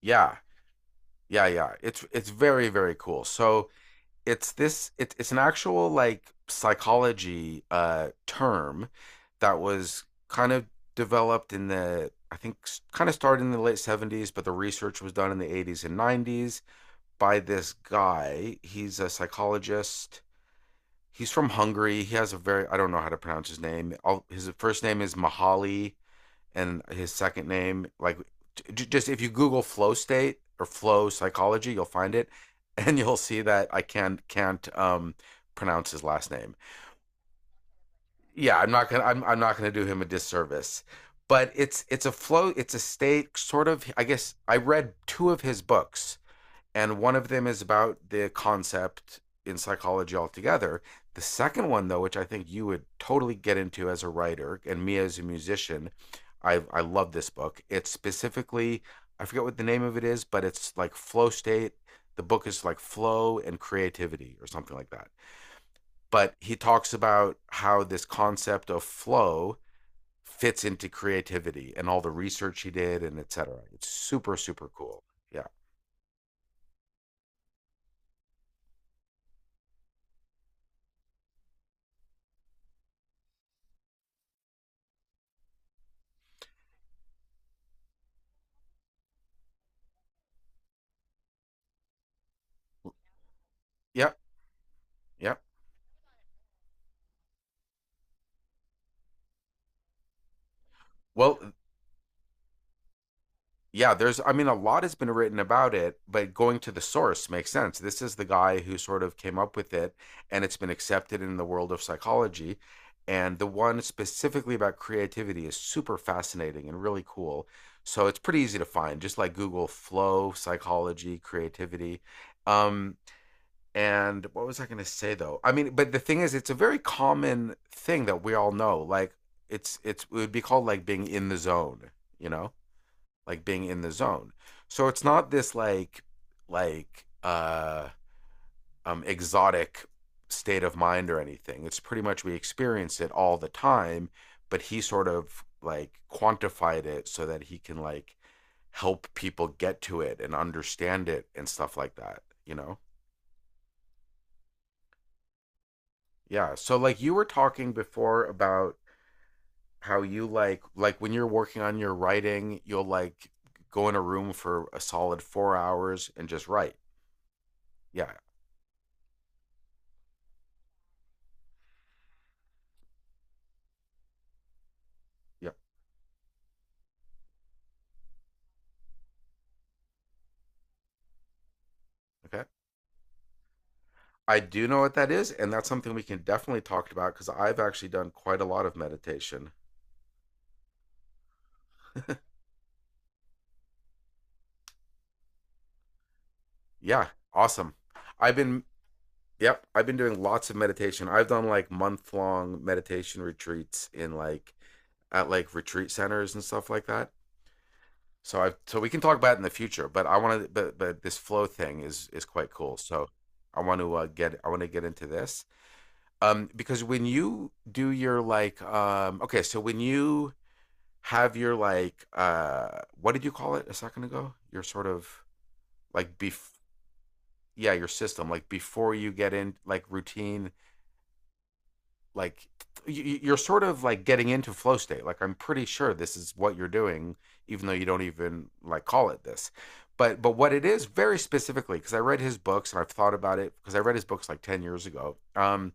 Yeah, yeah, yeah. It's very cool. So it's this it's an actual like psychology term that was kind of developed in the, I think kind of started in the late 70s, but the research was done in the 80s and 90s by this guy. He's a psychologist. He's from Hungary. He has a very, I don't know how to pronounce his name. His first name is Mahali and his second name. Like, just if you Google flow state or flow psychology, you'll find it, and you'll see that I can't pronounce his last name. Yeah, I'm not gonna do him a disservice. But it's a state, sort of, I guess. I read two of his books, and one of them is about the concept in psychology altogether. The second one, though, which I think you would totally get into as a writer and me as a musician, I love this book. It's specifically, I forget what the name of it is, but it's like flow state. The book is like flow and creativity or something like that. But he talks about how this concept of flow fits into creativity and all the research he did and et cetera. It's super, super cool. Yeah. Yeah, yeah. Well, yeah, there's, I mean, a lot has been written about it, but going to the source makes sense. This is the guy who sort of came up with it, and it's been accepted in the world of psychology. And the one specifically about creativity is super fascinating and really cool. So it's pretty easy to find. Just like Google flow, psychology, creativity. Um, and what was I going to say though? I mean, but the thing is, it's a very common thing that we all know. Like it's it would be called like being in the zone, you know? Like being in the zone. So it's not this like like uh exotic state of mind or anything. It's pretty much we experience it all the time, but he sort of like quantified it so that he can like help people get to it and understand it and stuff like that, you know? Yeah. So like you were talking before about how you like when you're working on your writing, you'll like go in a room for a solid 4 hours and just write. Yeah. Yeah. Okay, I do know what that is, and that's something we can definitely talk about because I've actually done quite a lot of meditation. Yeah, awesome. I've been, yep, I've been doing lots of meditation. I've done like month long meditation retreats in like at like retreat centers and stuff like that. So I've, so we can talk about it in the future, but I want to, but this flow thing is quite cool. So I want to get I want to get into this because when you do your like okay, so when you have your like what did you call it a second ago? Your sort of like bef yeah, your system, like before you get in, like routine, like you, are sort of like getting into flow state. Like I'm pretty sure this is what you're doing even though you don't even like call it this. But what it is very specifically, because I read his books and I've thought about it because I read his books like 10 years ago.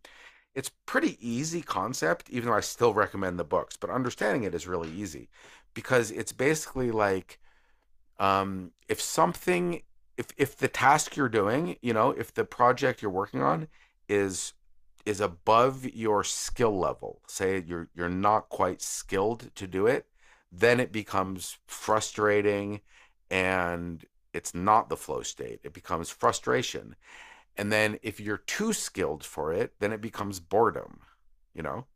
It's pretty easy concept, even though I still recommend the books, but understanding it is really easy because it's basically like if something, if the task you're doing, you know, if the project you're working on is is above your skill level, say you're not quite skilled to do it, then it becomes frustrating, and it's not the flow state, it becomes frustration. And then if you're too skilled for it, then it becomes boredom, you know.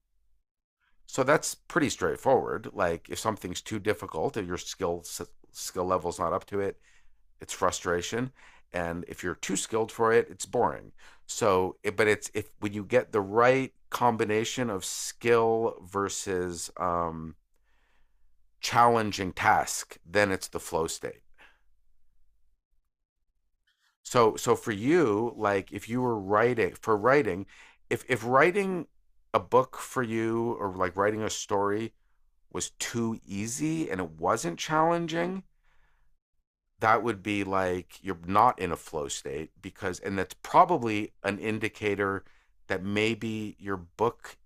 So that's pretty straightforward. Like if something's too difficult, if your skill level's not up to it, it's frustration, and if you're too skilled for it, it's boring. So but it's, if when you get the right combination of skill versus challenging task, then it's the flow state. So so for you, like if you were writing, for writing, if writing a book for you, or like writing a story, was too easy and it wasn't challenging, that would be like you're not in a flow state, because, and that's probably an indicator that maybe your book,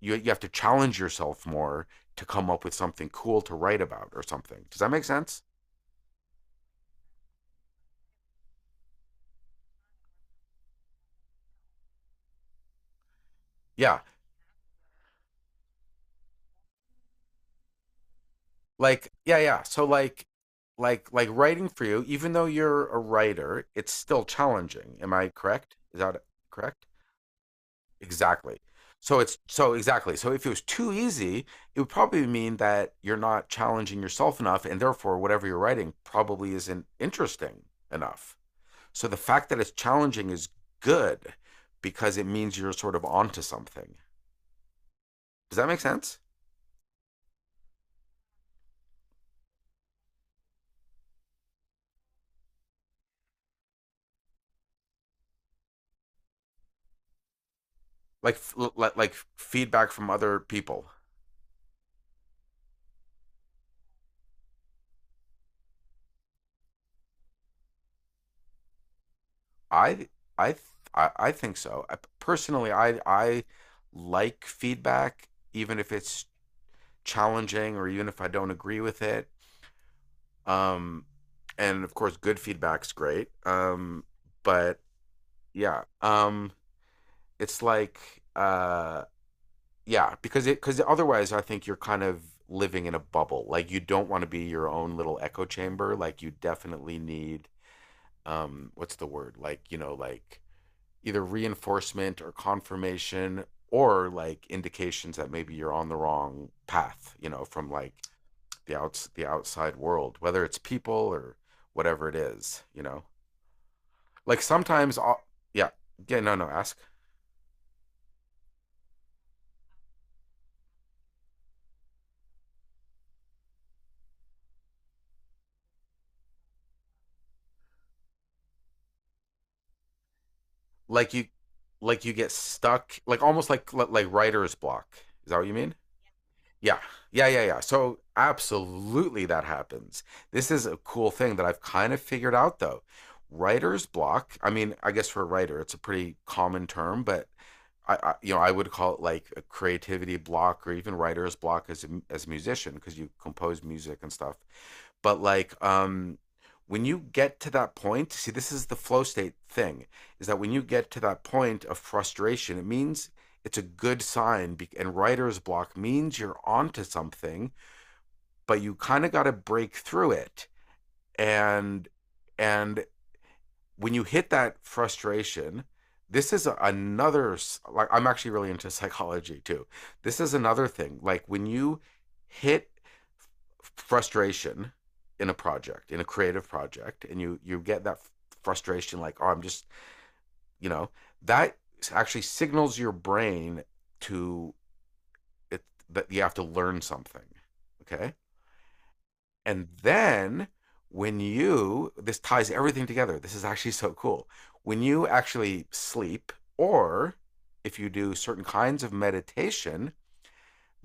you have to challenge yourself more to come up with something cool to write about, or something. Does that make sense? Yeah, like yeah, yeah, so like writing for you, even though you're a writer, it's still challenging. Am I correct? Is that correct? Exactly. So it's so exactly. So if it was too easy, it would probably mean that you're not challenging yourself enough, and therefore whatever you're writing probably isn't interesting enough. So the fact that it's challenging is good, because it means you're sort of onto something. Does that make sense? Like like feedback from other people. I I I think so. I personally, I like feedback even if it's challenging, or even if I don't agree with it. Um, and of course, good feedback's great. But yeah, it's like uh, yeah, because it, because otherwise, I think you're kind of living in a bubble. Like you don't want to be your own little echo chamber. Like you definitely need what's the word? Like, you know, like either reinforcement or confirmation, or like indications that maybe you're on the wrong path. You know, from like the outside world, whether it's people or whatever it is, you know. Like sometimes, yeah, yeah, no, no, ask. Like you, like you get stuck, like almost like writer's block. Is that what you mean? Yeah. Yeah, yeah, yeah. So absolutely that happens. This is a cool thing that I've kind of figured out though. Writer's block. I mean, I guess for a writer, it's a pretty common term, but I, you know, I would call it like a creativity block, or even writer's block as a, as a musician, because you compose music and stuff. But like when you get to that point, see this is the flow state thing, is that when you get to that point of frustration, it means it's a good sign. And writer's block means you're onto something, but you kind of got to break through it. And and when you hit that frustration, this is another, like I'm actually really into psychology too. This is another thing. Like when you hit frustration in a project, in a creative project, and you get that frustration like, oh, I'm just, you know, that actually signals your brain to, it, that you have to learn something. Okay. And then when you, this ties everything together. This is actually so cool. When you actually sleep, or if you do certain kinds of meditation,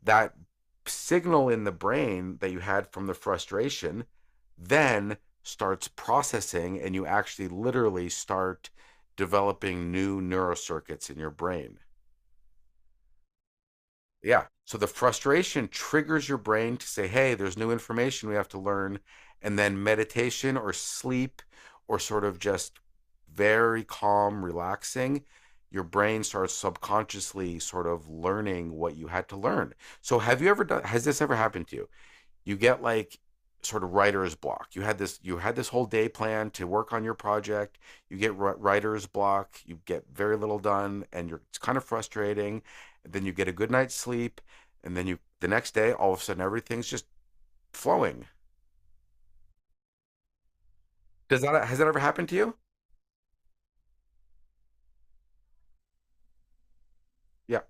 that signal in the brain that you had from the frustration then starts processing, and you actually literally start developing new neurocircuits in your brain. Yeah. So the frustration triggers your brain to say, hey, there's new information we have to learn. And then meditation or sleep, or sort of just very calm, relaxing, your brain starts subconsciously sort of learning what you had to learn. So have you ever done, has this ever happened to you? You get like sort of writer's block. You had this, you had this whole day planned to work on your project. You get writer's block. You get very little done, and you're, it's kind of frustrating. And then you get a good night's sleep, and then you, the next day all of a sudden everything's just flowing. Does that, has that ever happened to you? Yeah,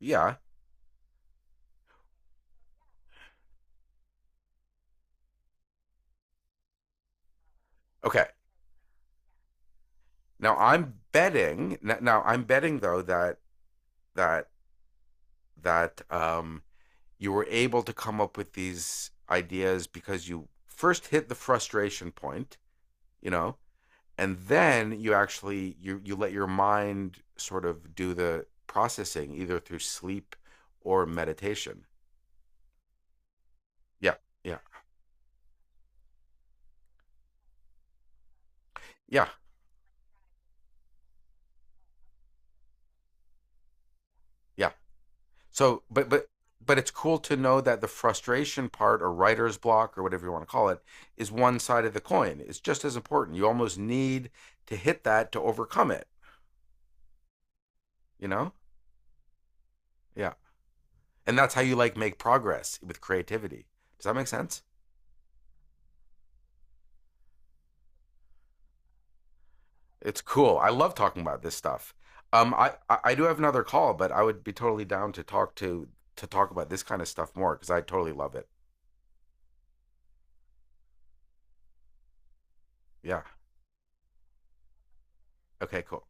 yeah. Okay. Now I'm betting. Now I'm betting though that that that um, you were able to come up with these ideas because you first hit the frustration point, you know, and then you actually, you let your mind sort of do the processing, either through sleep or meditation. Yeah, yeah, yeah, yeah. So but but it's cool to know that the frustration part, or writer's block or whatever you want to call it, is one side of the coin. It's just as important. You almost need to hit that to overcome it, you know. Yeah, and that's how you like make progress with creativity. Does that make sense? It's cool. I love talking about this stuff. I do have another call, but I would be totally down to talk to talk about this kind of stuff more, because I totally love it. Yeah. Okay. Cool.